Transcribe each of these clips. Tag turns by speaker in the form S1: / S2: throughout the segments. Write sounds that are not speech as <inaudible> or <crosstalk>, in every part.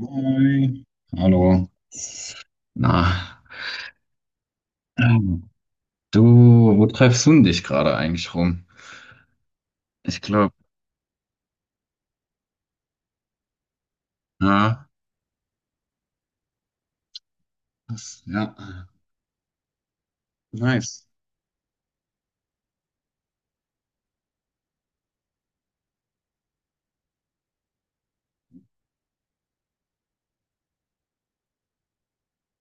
S1: Hi. Hallo. Na, ähm, du, wo treibst du denn dich gerade eigentlich rum? Ich glaube, ja, das, ja, nice.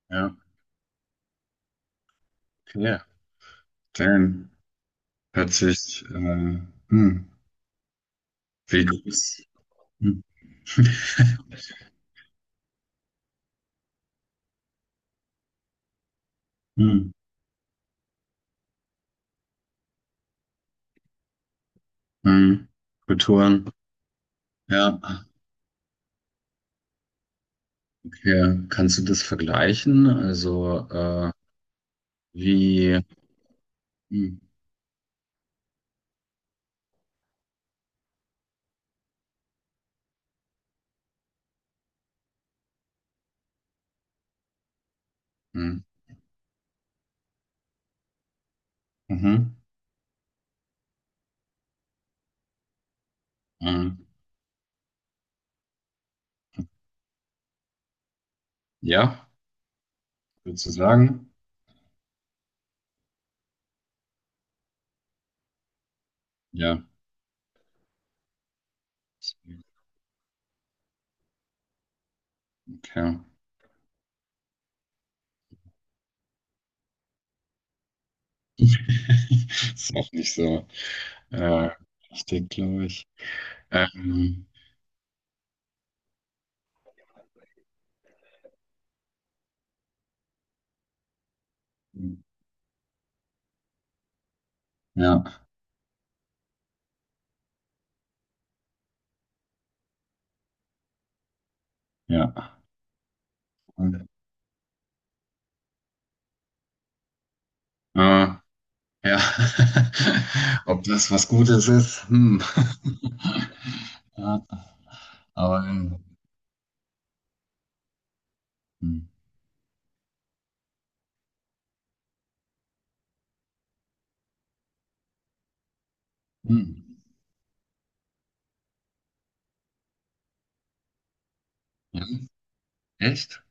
S1: Ja, okay. Dann hört sich, hm, wie groß, hm, hm, hm, Kulturen, ja, okay. Kannst du das vergleichen? Also, wie, hm, hm, mhm, hm, ja, würdest du sagen? Ja. Ja. <laughs> Ist auch nicht so äh, richtig, glaube ich. Ähm, ja, ja. Und, äh, ja. <laughs> Ob das was Gutes ist? Hm. <laughs> Ja, aber hm. Hm. Ja, echt?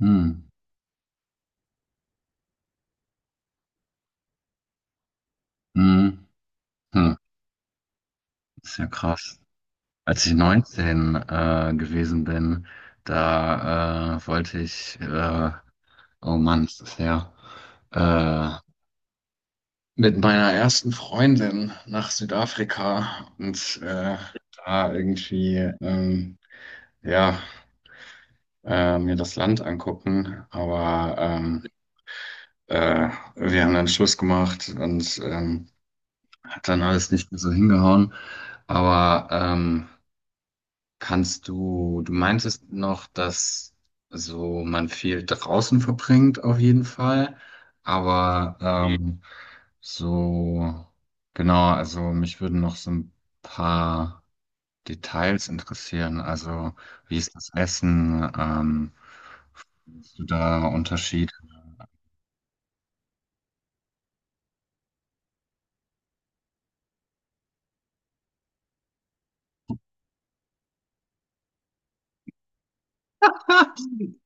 S1: Hm. Hm. Hm. Ist ja krass. Als ich 19 gewesen bin, da wollte ich, oh Mann, ist das her, äh, mit meiner ersten Freundin nach Südafrika und da irgendwie ja mir das Land angucken. Aber äh, wir haben dann Schluss gemacht und hat dann alles nicht mehr so hingehauen. Aber kannst du, du meintest noch, dass so man viel draußen verbringt auf jeden Fall, aber mhm. So, genau, also mich würden noch so ein paar Details interessieren. Also, wie ist das Essen? Siehst du da Unterschied? <laughs>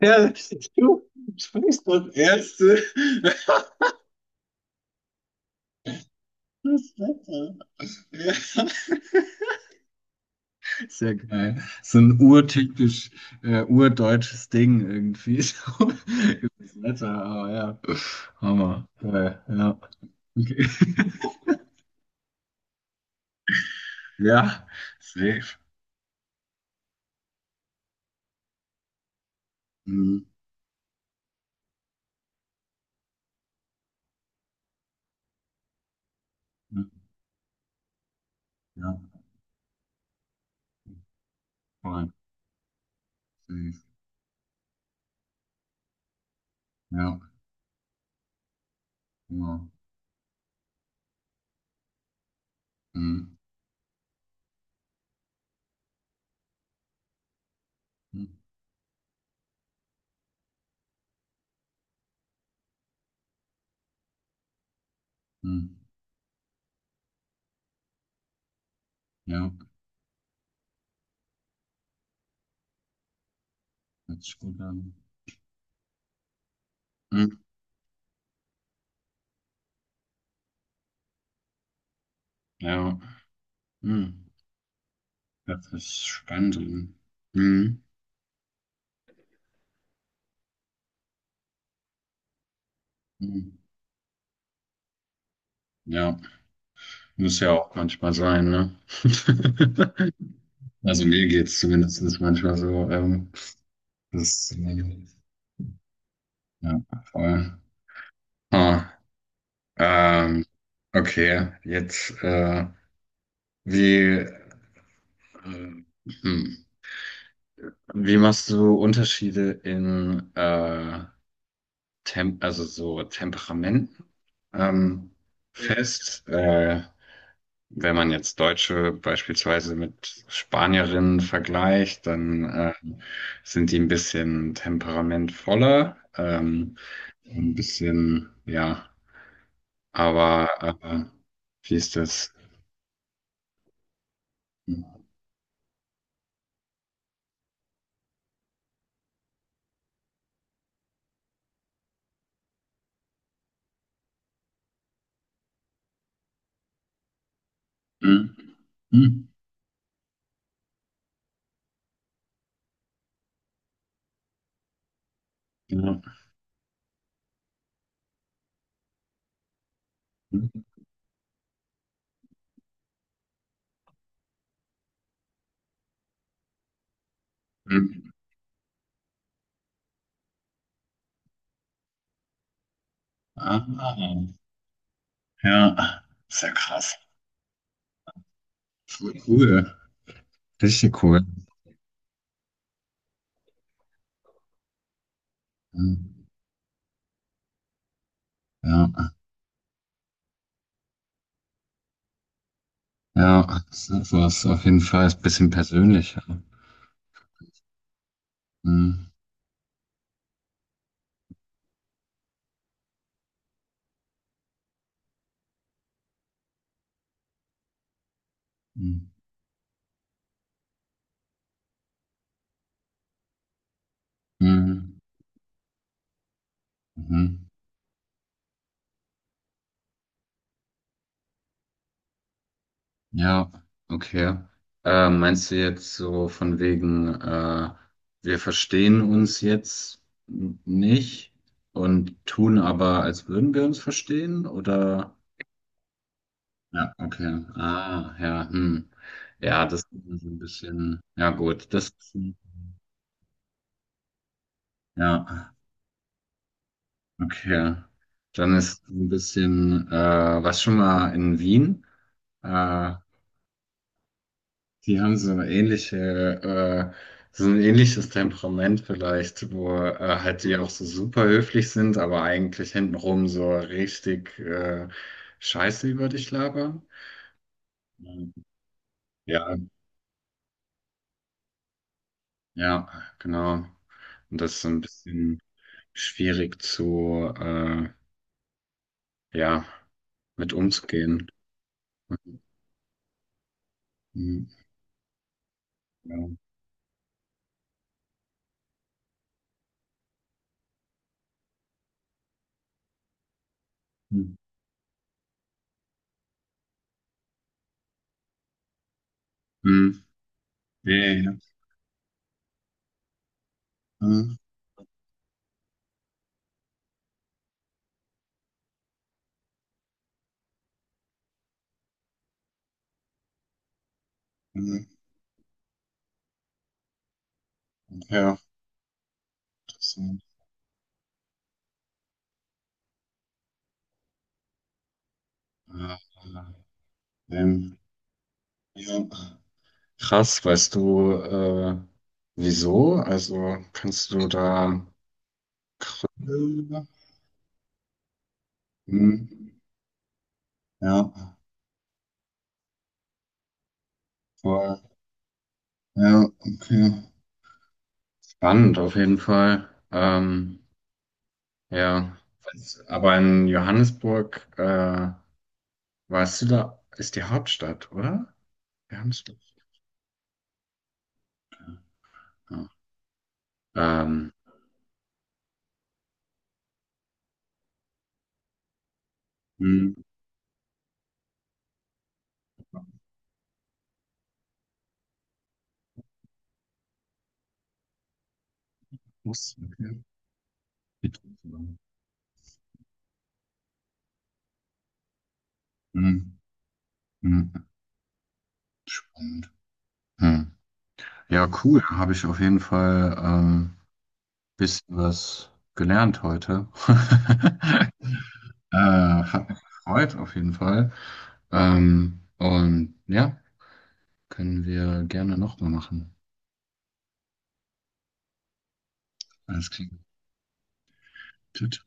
S1: Ja, du sprichst das erste. Das Wetter. Ja. Sehr geil. So ein urtypisch, urdeutsches Ding irgendwie. <laughs> So, das Wetter, aber ja. Hammer. Geil, ja. Okay. <laughs> Ja, safe. Mhm. Ja, voll. Safe. Ja, genau. Mhm. Mhm. Mhm. Ja, hört sich gut an. Mhm. Ja, mhm. Das ist spannend. Mhm. Mhm. Ja, muss ja auch manchmal sein, ne? <laughs> Also mir geht es zumindest manchmal so. Das, ja, voll. Ah, ähm, okay, jetzt, wie, äh, hm. Wie machst du Unterschiede in Tem also so Temperamenten ähm, fest? Wenn man jetzt Deutsche beispielsweise mit Spanierinnen vergleicht, dann sind die ein bisschen temperamentvoller, ein bisschen, ja, aber äh, wie ist das? Hm, hm, ja, hm, hm. Ah, ja, sehr krass. Voll cool. Richtig cool. Mhm. Ja, ja, sowas auf jeden Fall ist ein bisschen persönlicher. Mhm. Mhm. Mhm. Mhm. Ja, okay. Meinst du jetzt so von wegen, wir verstehen uns jetzt nicht und tun aber, als würden wir uns verstehen? Oder? Ja, okay. Ah, ja, hm. Ja, das ist so ein bisschen, ja gut, das, ja. Okay. Dann ist ein bisschen, was schon mal in Wien. Äh, die haben so eine ähnliche, so ein ähnliches Temperament vielleicht, wo halt die auch so super höflich sind, aber eigentlich hintenrum so richtig Scheiße über dich labern. Ja, ja, genau. Und das ist so ein bisschen schwierig zu, ja, mit umzugehen. Hm, ja. Hm. Hm. Nee, mhm. Mhm. Ja, das, sind, äh, ähm, ja. Krass, weißt du, wieso? Also kannst du da Gründe? Hm, ja, voll. Ja, okay. Spannend auf jeden Fall. Ja. Was- aber in Johannesburg, warst du da, ist die Hauptstadt, oder? Johannesburg. Ja. Ähm, hm, muss, okay. Hm, hm. Hm. Und, hm. Ja, cool. Habe ich auf jeden Fall bisschen was gelernt heute. <laughs> äh, hat mich gefreut, auf jeden Fall. Und ja, können wir gerne nochmal machen. Alles klar. Tschüss.